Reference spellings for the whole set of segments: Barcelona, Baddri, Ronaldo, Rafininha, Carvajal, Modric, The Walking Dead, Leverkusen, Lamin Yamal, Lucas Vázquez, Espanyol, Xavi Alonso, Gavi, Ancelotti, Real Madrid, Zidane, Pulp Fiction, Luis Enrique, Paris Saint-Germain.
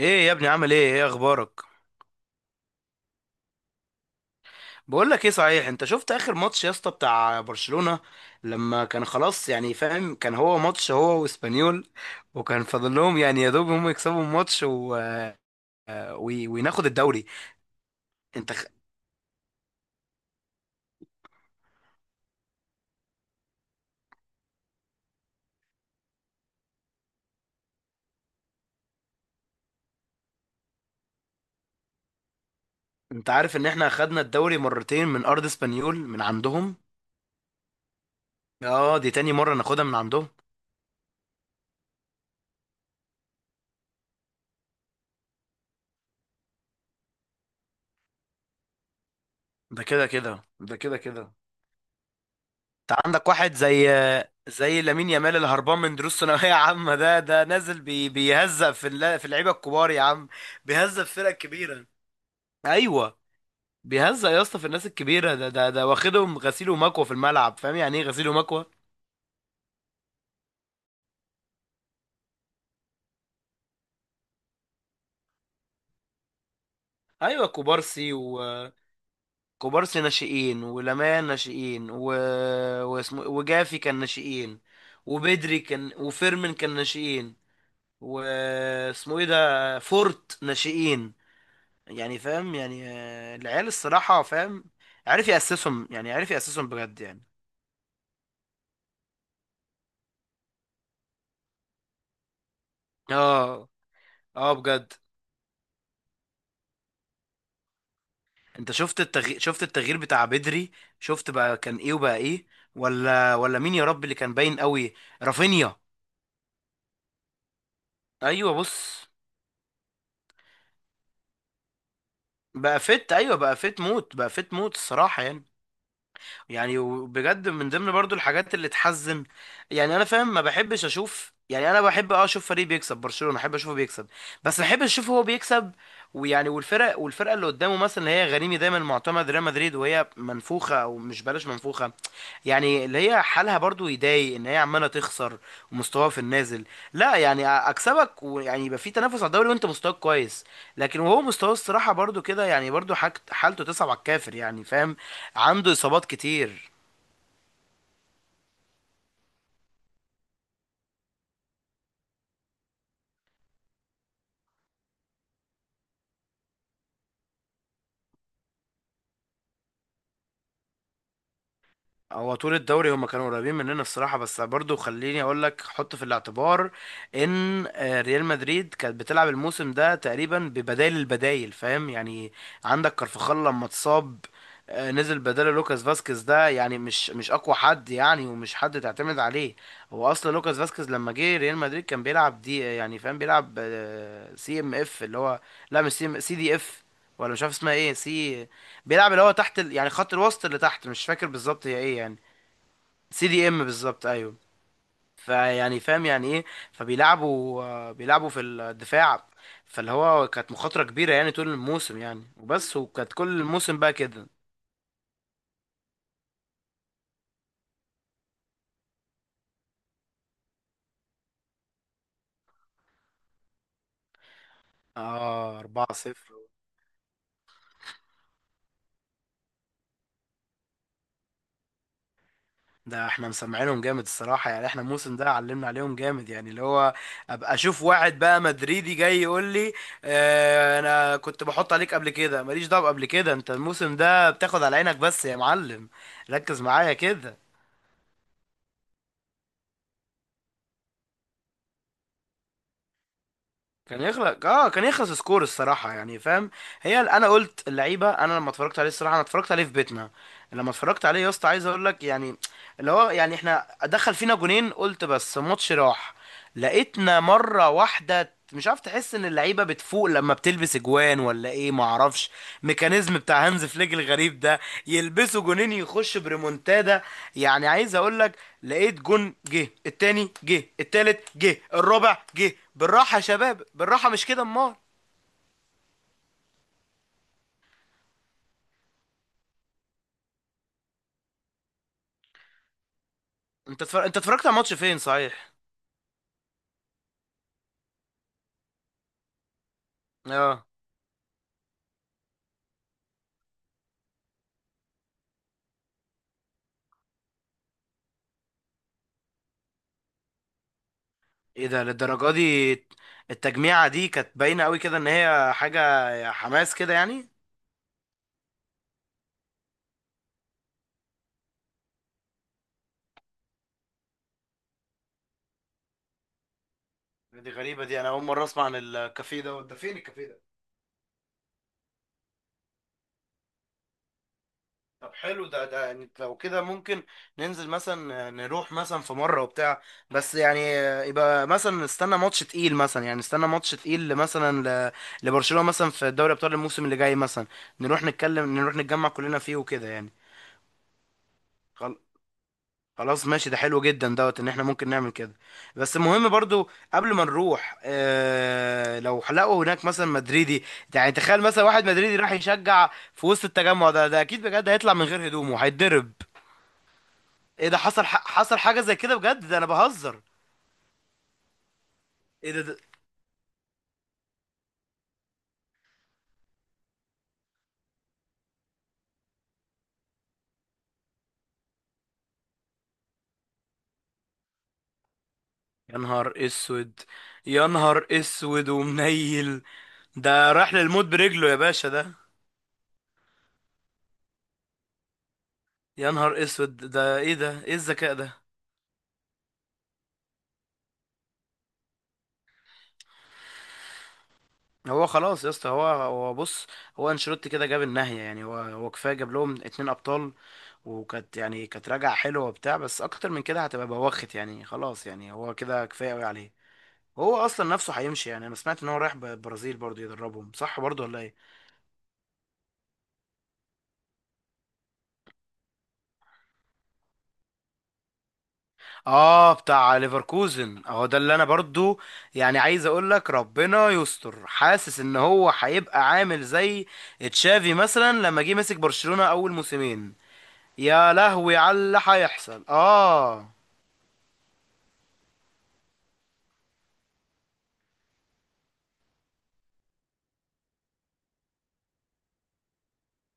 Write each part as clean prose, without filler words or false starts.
ايه يا ابني، عامل ايه؟ اخبارك؟ بقول لك ايه، صحيح انت شفت اخر ماتش يا اسطى بتاع برشلونة؟ لما كان خلاص يعني فاهم، كان هو ماتش هو واسبانيول، وكان فاضل لهم يعني يا دوب هم يكسبوا الماتش وناخد الدوري. انت خ- انت عارف ان احنا خدنا الدوري مرتين من ارض اسبانيول، من عندهم. اه، دي تاني مرة ناخدها من عندهم. ده كده كده ده كده كده. انت عندك واحد زي لامين يامال اللي هربان من دروس ثانويه عامه، ده نازل بيهزق في اللعيبه الكبار يا عم، بيهزق في الفرق الكبيره. ايوه، بيهزق يا اسطى في الناس الكبيره. ده واخدهم غسيل ومكوى في الملعب، فاهم يعني ايه غسيل ومكوى؟ ايوه، كوبارسي ناشئين، ولامان ناشئين، واسمه، وجافي كان ناشئين، وبدري كان، وفيرمين كان ناشئين، واسمه ايه ده، فورت ناشئين. يعني فاهم يعني، العيال الصراحة فاهم، عارف يأسسهم يعني، عارف يأسسهم بجد يعني. اه اه بجد. انت شفت التغيير، شفت التغيير بتاع بدري؟ شفت بقى كان ايه وبقى ايه؟ ولا مين يا رب اللي كان باين قوي؟ رافينيا. ايوه، بص، بقى فت، ايوه، بقى فت موت، بقى فت موت الصراحة يعني. يعني وبجد من ضمن برضو الحاجات اللي تحزن يعني، انا فاهم، ما بحبش اشوف يعني، انا بحب اه اشوف فريق بيكسب برشلونة، احب اشوفه بيكسب. بس ما بحبش اشوفه هو بيكسب، ويعني والفرق والفرقه اللي قدامه مثلا، اللي هي غريمي دايما معتمد ريال مدريد، وهي منفوخه، او مش بلاش منفوخه، يعني اللي هي حالها برضو يضايق ان هي عماله تخسر ومستواها في النازل. لا، يعني اكسبك، ويعني يبقى في تنافس على الدوري، وانت مستواك كويس، لكن وهو مستواه الصراحه برضو كده يعني، برضو حالته تصعب على الكافر يعني، فاهم؟ عنده اصابات كتير. هو طول الدوري هما كانوا قريبين مننا الصراحه، بس برضو خليني اقول لك، حط في الاعتبار ان ريال مدريد كانت بتلعب الموسم ده تقريبا ببدائل البدائل، فاهم يعني؟ عندك كارفخال لما اتصاب، نزل بداله لوكاس فاسكيز، ده يعني مش اقوى حد يعني، ومش حد تعتمد عليه. هو اصلا لوكاس فاسكيز لما جه ريال مدريد كان بيلعب دي، يعني فاهم، بيلعب سي ام اف، اللي هو لا مش، سي دي اف، ولا مش عارف اسمها ايه، سي، بيلعب اللي هو تحت يعني خط الوسط اللي تحت، مش فاكر بالظبط هي ايه يعني. سي دي ام بالظبط، ايوه. فيعني فاهم يعني ايه، فبيلعبوا بيلعبوا في الدفاع، فاللي هو كانت مخاطرة كبيرة يعني طول الموسم يعني وبس، وكانت كل الموسم بقى كده. اه، 4-0. ده احنا مسمعينهم جامد الصراحة يعني، احنا الموسم ده علمنا عليهم جامد يعني، اللي هو ابقى اشوف واحد بقى مدريدي جاي يقول لي، اه انا كنت بحط عليك قبل كده، ماليش دعوة قبل كده، انت الموسم ده بتاخد على عينك بس يا معلم. ركز معايا كده. كان يخلق، اه كان يخلص سكور الصراحه يعني، فاهم؟ انا قلت اللعيبه، انا لما اتفرجت عليه الصراحه، انا اتفرجت عليه في بيتنا. لما اتفرجت عليه يا اسطى، عايز اقول لك يعني، اللي هو يعني احنا دخل فينا جونين، قلت بس ماتش راح. لقيتنا مره واحده، مش عارف، تحس ان اللعيبه بتفوق لما بتلبس اجوان، ولا ايه ما اعرفش، ميكانيزم بتاع هانز فليك الغريب ده. يلبسوا جونين يخش بريمونتادا، يعني عايز اقول لك، لقيت جون جه، التاني جه، التالت جه، الرابع جه، بالراحه يا شباب بالراحه، مش كده امال. انت اتفرجت على الماتش فين صحيح؟ اه، ايه ده، للدرجه دي؟ التجميعه دي كانت باينه قوي كده ان هي حاجه حماس كده يعني. دي غريبه دي، انا اول مره اسمع عن الكافيه ده، ده فين الكافيه ده؟ طب حلو، ده يعني لو كده ممكن ننزل مثلا نروح مثلا في مرة وبتاع، بس يعني، يبقى مثلا نستنى ماتش تقيل مثلا، يعني نستنى ماتش تقيل مثلا ل- لبرشلونة مثلا في دوري ابطال الموسم اللي جاي مثلا، نروح نتكلم، نروح نتجمع كلنا فيه وكده يعني. خل- خلاص ماشي، ده حلو جدا دوت ان احنا ممكن نعمل كده. بس المهم برضو قبل ما نروح، اه لو لقوا هناك مثلا مدريدي، يعني تخيل مثلا واحد مدريدي راح يشجع في وسط التجمع ده، ده اكيد بجد هيطلع من غير هدومه، هيتضرب. ايه ده، حصل؟ حصل حاجة زي كده بجد؟ ده انا بهزر. ايه ده، ده، يا نهار اسود، يا نهار اسود ومنيل. ده راح للموت برجله يا باشا ده. يا نهار اسود، ده ايه ده، ايه الذكاء ده؟ هو خلاص يا اسطى، هو بص، هو انشيلوتي كده جاب النهاية يعني، هو كفاية، جاب لهم 2 ابطال، وكانت يعني كانت راجعة حلوة وبتاع، بس اكتر من كده هتبقى بوخت يعني، خلاص يعني، هو كده كفاية قوي عليه. هو اصلا نفسه هيمشي يعني، انا سمعت ان هو رايح البرازيل برضه يدربهم، صح برضه ولا ايه؟ اه، بتاع ليفركوزن اهو ده، اللي انا برضو يعني عايز اقول لك، ربنا يستر. حاسس ان هو هيبقى عامل زي تشافي مثلا لما جه مسك برشلونة اول موسمين. يا لهوي على اللي هيحصل، اه.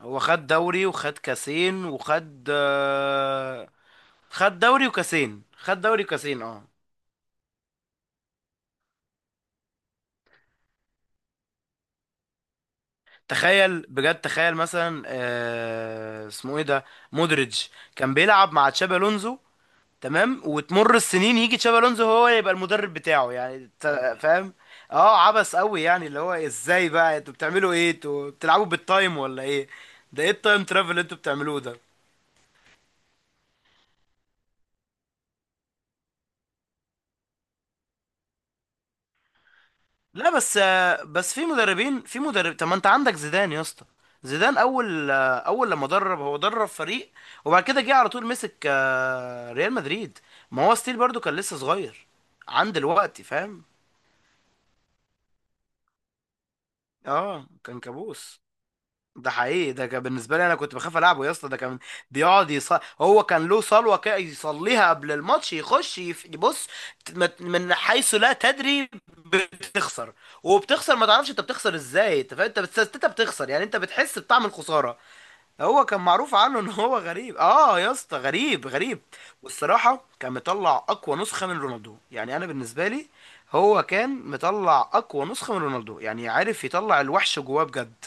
هو خد دوري وخد كاسين وخد آه، خد دوري وكاسين، اه. تخيل بجد، تخيل مثلا، آه اسمه ايه ده، مودريتش كان بيلعب مع تشابي الونزو، تمام؟ وتمر السنين يجي تشابي الونزو هو يبقى المدرب بتاعه يعني، فاهم؟ اه، عبث قوي يعني، اللي هو ازاي بقى انتوا بتعملوا ايه، انتوا بتلعبوا بالتايم ولا ايه؟ ده ايه التايم ترافل اللي انتوا بتعملوه ده؟ لا بس في مدربين، في مدرب، طب ما انت عندك زيدان يا اسطى. زيدان اول، اول لما درب، هو درب فريق، وبعد كده جه على طول مسك ريال مدريد. ما هو ستيل برضو كان لسه صغير عند الوقت، فاهم؟ اه كان كابوس، ده حقيقي، ده كان بالنسبه لي انا كنت بخاف العبه يا اسطى. ده كان بيقعد يص... هو كان له صلوه كده يصليها قبل الماتش، يخش يبص من حيث لا تدري بتخسر، وبتخسر ما تعرفش انت بتخسر ازاي، انت فاهم، انت بتخسر يعني، انت بتحس بطعم الخساره. هو كان معروف عنه ان هو غريب، اه يا اسطى غريب غريب. والصراحه كان مطلع اقوى نسخه من رونالدو يعني، انا بالنسبه لي، هو كان مطلع اقوى نسخه من رونالدو يعني، عارف يطلع الوحش جواه بجد.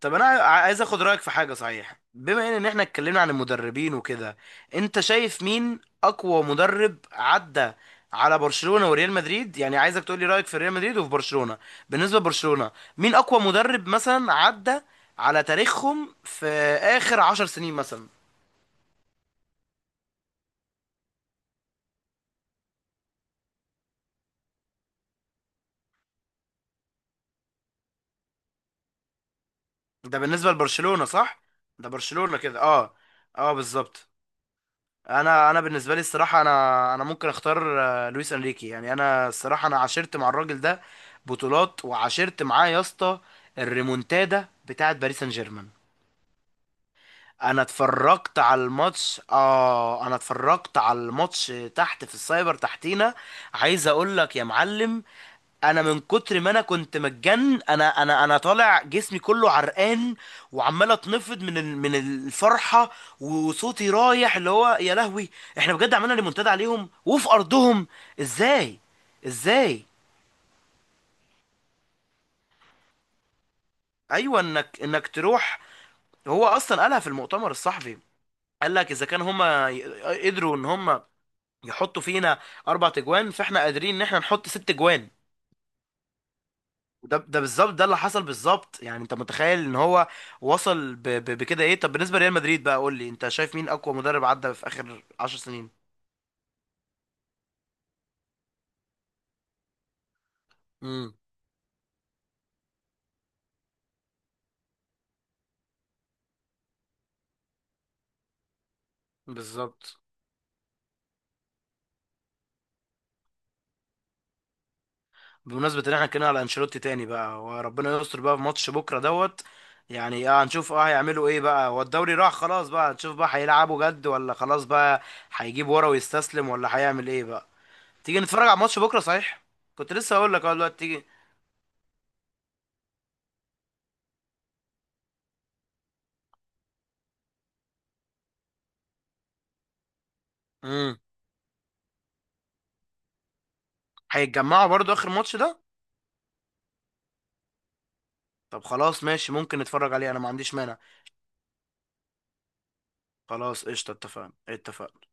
طب انا، عايز اخد رايك في حاجه صحيح، بما ان احنا اتكلمنا عن المدربين وكده. انت شايف مين اقوى مدرب عدى على برشلونه وريال مدريد؟ يعني عايزك تقول لي رايك في ريال مدريد وفي برشلونه. بالنسبه لبرشلونه، مين اقوى مدرب مثلا عدى على تاريخهم في اخر 10 سنين مثلا؟ ده بالنسبه لبرشلونه، صح؟ ده برشلونه كده، اه. اه بالظبط. انا بالنسبه لي الصراحه، انا ممكن اختار لويس انريكي يعني. انا الصراحه انا عاشرت مع الراجل ده بطولات، وعاشرت معاه يا اسطى الريمونتادا بتاعت باريس سان جيرمان. انا اتفرجت على الماتش، اه انا اتفرجت على الماتش تحت في السايبر تحتينا. عايز اقول لك يا معلم، انا من كتر ما انا كنت متجن، انا طالع جسمي كله عرقان، وعمال اتنفض من الفرحه، وصوتي رايح، اللي هو يا لهوي، احنا بجد عملنا ريمونتادا عليهم وفي ارضهم؟ ازاي؟ ازاي؟ ايوه، انك انك تروح. هو اصلا قالها في المؤتمر الصحفي، قال لك اذا كان هما قدروا ان هما يحطوا فينا 4 تجوان، فاحنا قادرين ان احنا نحط 6 جوان. ده بالظبط، ده اللي حصل بالظبط يعني، انت متخيل ان هو وصل بكده؟ ايه طب بالنسبه لريال مدريد بقى، قول لي انت شايف مين اقوى مدرب عدى في اخر 10 سنين؟ امم، بالظبط. بمناسبه ان احنا اتكلمنا على انشيلوتي تاني بقى، وربنا يستر بقى في ماتش بكره دوت، يعني اه هنشوف اه هيعملوا ايه بقى، هو الدوري راح خلاص بقى، هنشوف بقى هيلعبوا جد ولا خلاص بقى هيجيب ورا ويستسلم، ولا هيعمل ايه بقى. تيجي نتفرج على ماتش بكره صحيح؟ كنت لسه هقول لك، اه دلوقتي تيجي. امم، هيتجمعوا برضو اخر ماتش ده؟ طب خلاص ماشي، ممكن نتفرج عليه، انا ما عنديش مانع. خلاص قشطة، اتفقنا اتفقنا.